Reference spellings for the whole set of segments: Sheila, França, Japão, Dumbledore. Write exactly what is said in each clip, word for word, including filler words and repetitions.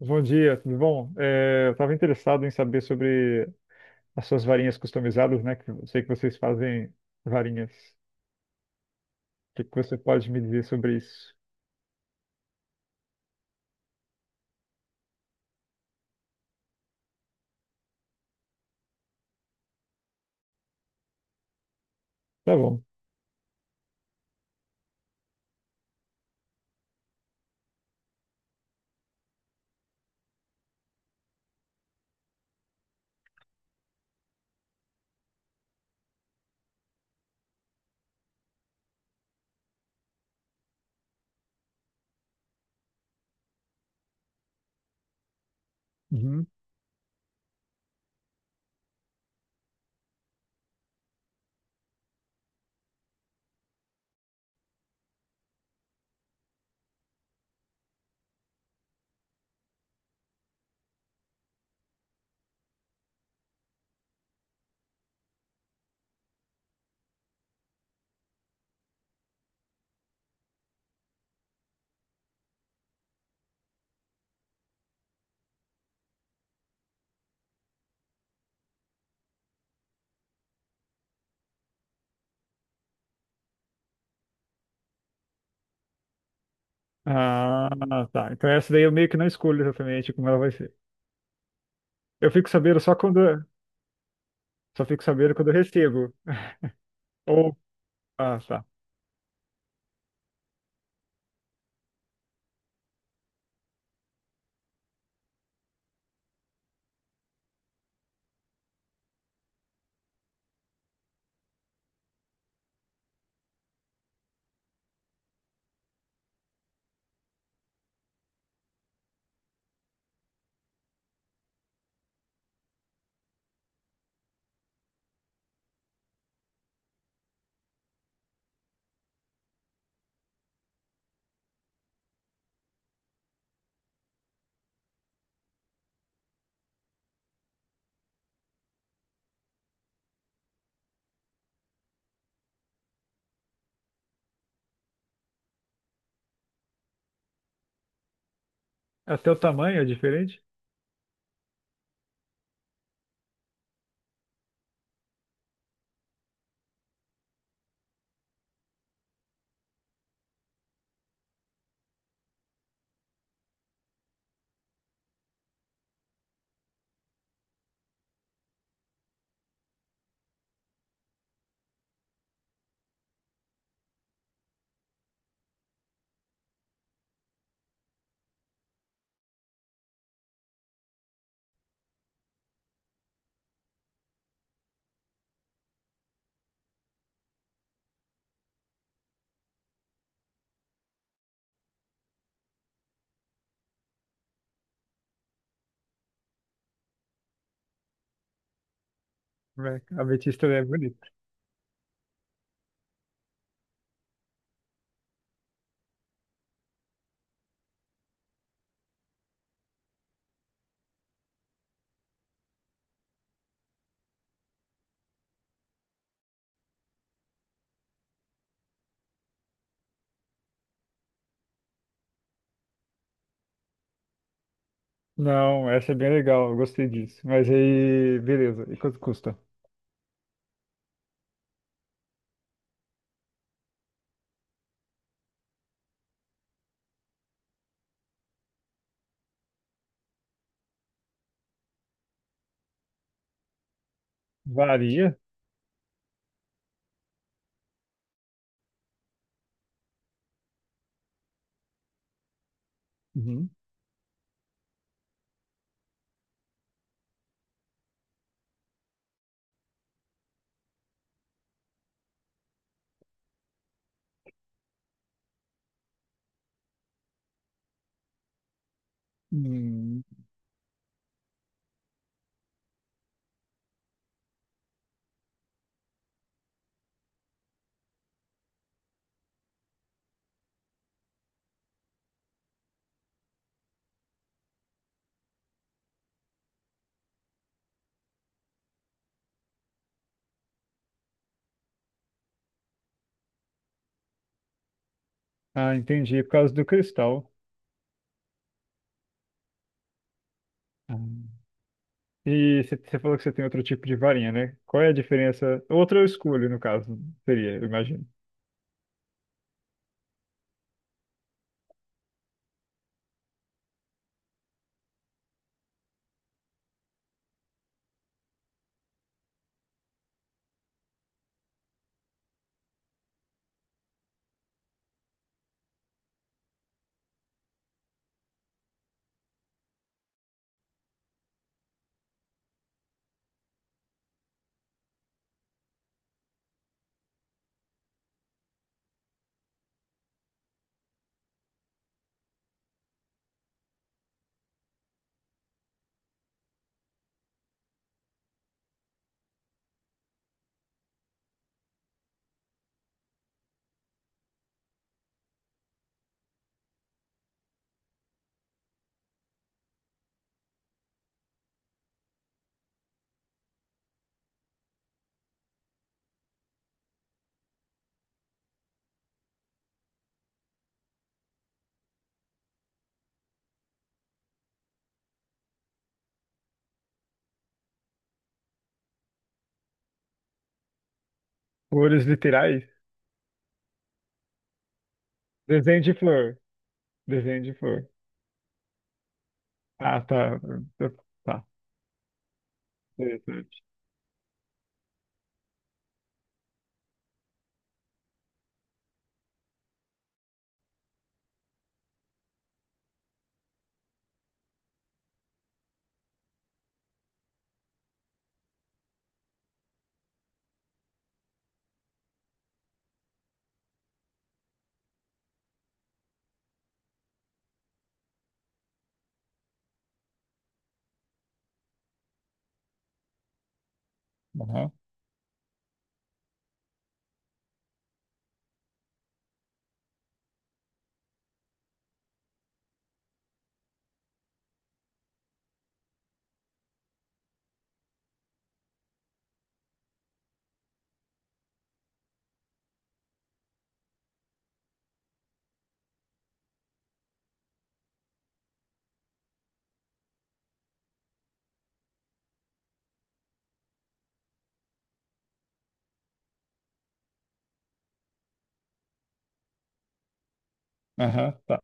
Bom dia, tudo bom? É, eu estava interessado em saber sobre as suas varinhas customizadas, né? Que eu sei que vocês fazem varinhas. O que que você pode me dizer sobre isso? Tá bom. Uhum. Ah, tá. Então essa daí eu meio que não escolho exatamente como ela vai ser. Eu fico sabendo só quando, só fico sabendo quando eu recebo. Ou, ah, tá. Até o tamanho é diferente? Como é que- A ametista é bonita. Não, essa é bem legal, eu gostei disso. Mas aí, beleza. E quanto custa? Varia. Uhum. Hum, ah, entendi. Por causa do cristal. Ah. E você você falou que você tem outro tipo de varinha, né? Qual é a diferença? Outro escolho, no caso, seria, eu imagino. Cores literais? Desenho de flor. Desenho de flor. Ah, tá. Eu- Tá. Interessante. Aham. Aham, tá.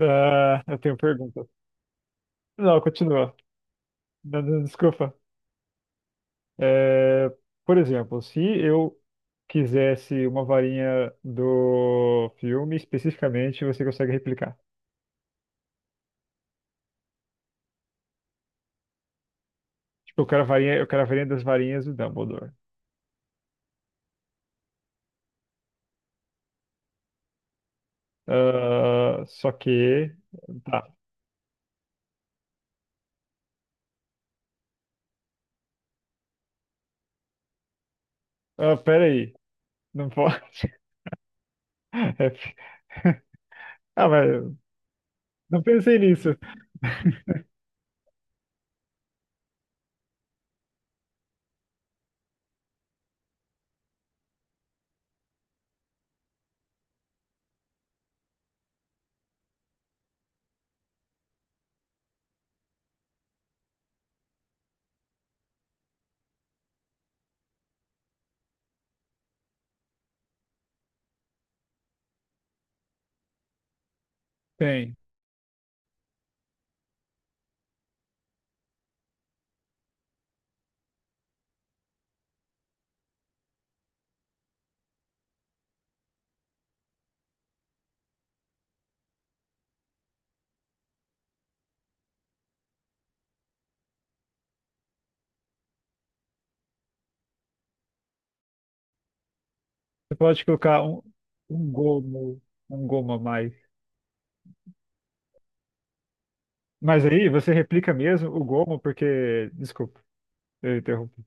Ah, eu tenho pergunta. Não, continua. Não, não, desculpa. É, por exemplo, se eu quisesse uma varinha do filme especificamente, você consegue replicar. Eu quero a varinha, eu quero a varinha das varinhas do Dumbledore. Ah, só que. Tá. Ah, pera aí. Não pode. É f- Ah, mas eu não pensei nisso. Tem. Você pode colocar um, um gomo, um gomo a mais. Mas aí você replica mesmo o gomo, porque. Desculpa, eu interrompi.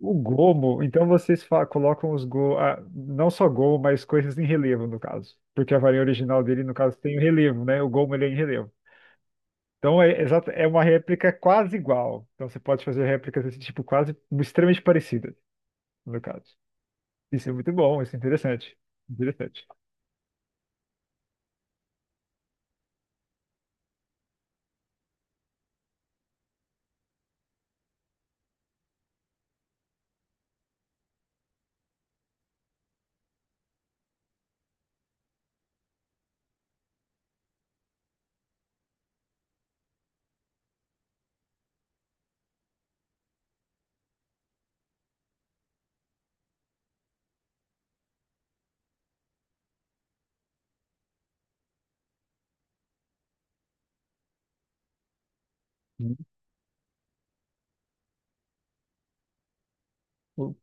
O gomo, então vocês fa- colocam os go, ah, não só gomo, mas coisas em relevo, no caso. Porque a varinha original dele, no caso, tem o relevo, né? O gomo ele é em relevo. Então é, exata- é uma réplica quase igual. Então você pode fazer réplicas desse tipo quase extremamente parecidas, no caso. Isso é muito bom, isso é interessante. Interessante. Hum. O-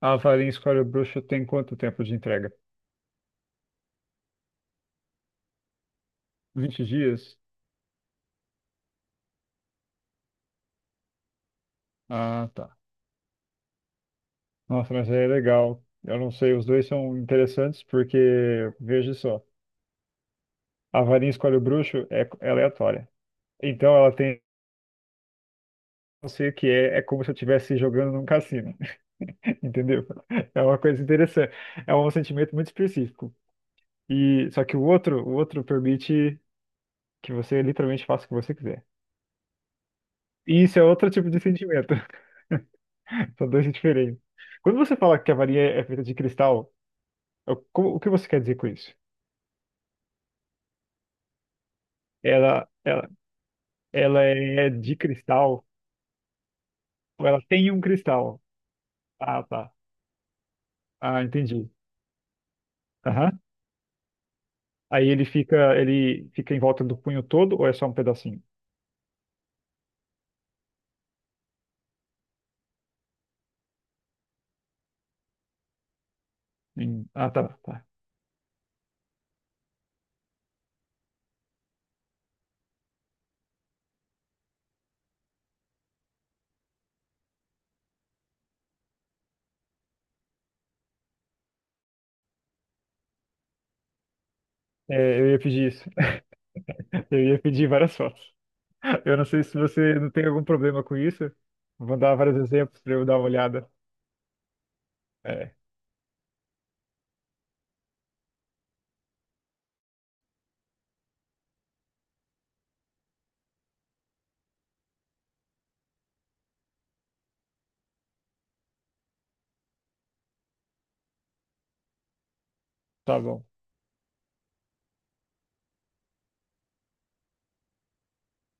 A varinha escolhe bruxa tem quanto tempo de entrega? Vinte dias? Ah, tá. Nossa, mas aí é legal. Eu não sei, os dois são interessantes porque, veja só, a varinha escolhe o bruxo é, é aleatória. Então ela tem, não sei o que é, é como se eu estivesse jogando num cassino. Entendeu? É uma coisa interessante. É um sentimento muito específico. E só que o outro, o outro permite que você literalmente faça o que você quiser. E isso é outro tipo de sentimento. São dois diferentes. Quando você fala que a varinha é feita de cristal, eu- como- o que você quer dizer com isso? Ela, ela, ela é de cristal ou ela tem um cristal? Ah, tá. Ah, entendi. Aham. Aí ele fica, ele fica em volta do punho todo ou é só um pedacinho? Hum, Ah, tá, tá. É, eu ia pedir isso. Eu ia pedir várias fotos. Eu não sei se você não tem algum problema com isso. Vou dar vários exemplos para eu dar uma olhada. É, tá bom.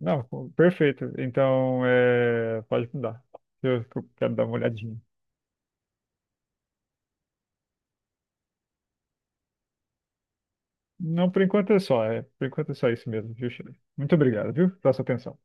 Não, perfeito. Então, é, pode mudar. Eu eu quero dar uma olhadinha. Não, por enquanto é só. É, por enquanto é só isso mesmo, viu, Sheila? Muito obrigado, viu, pela sua atenção.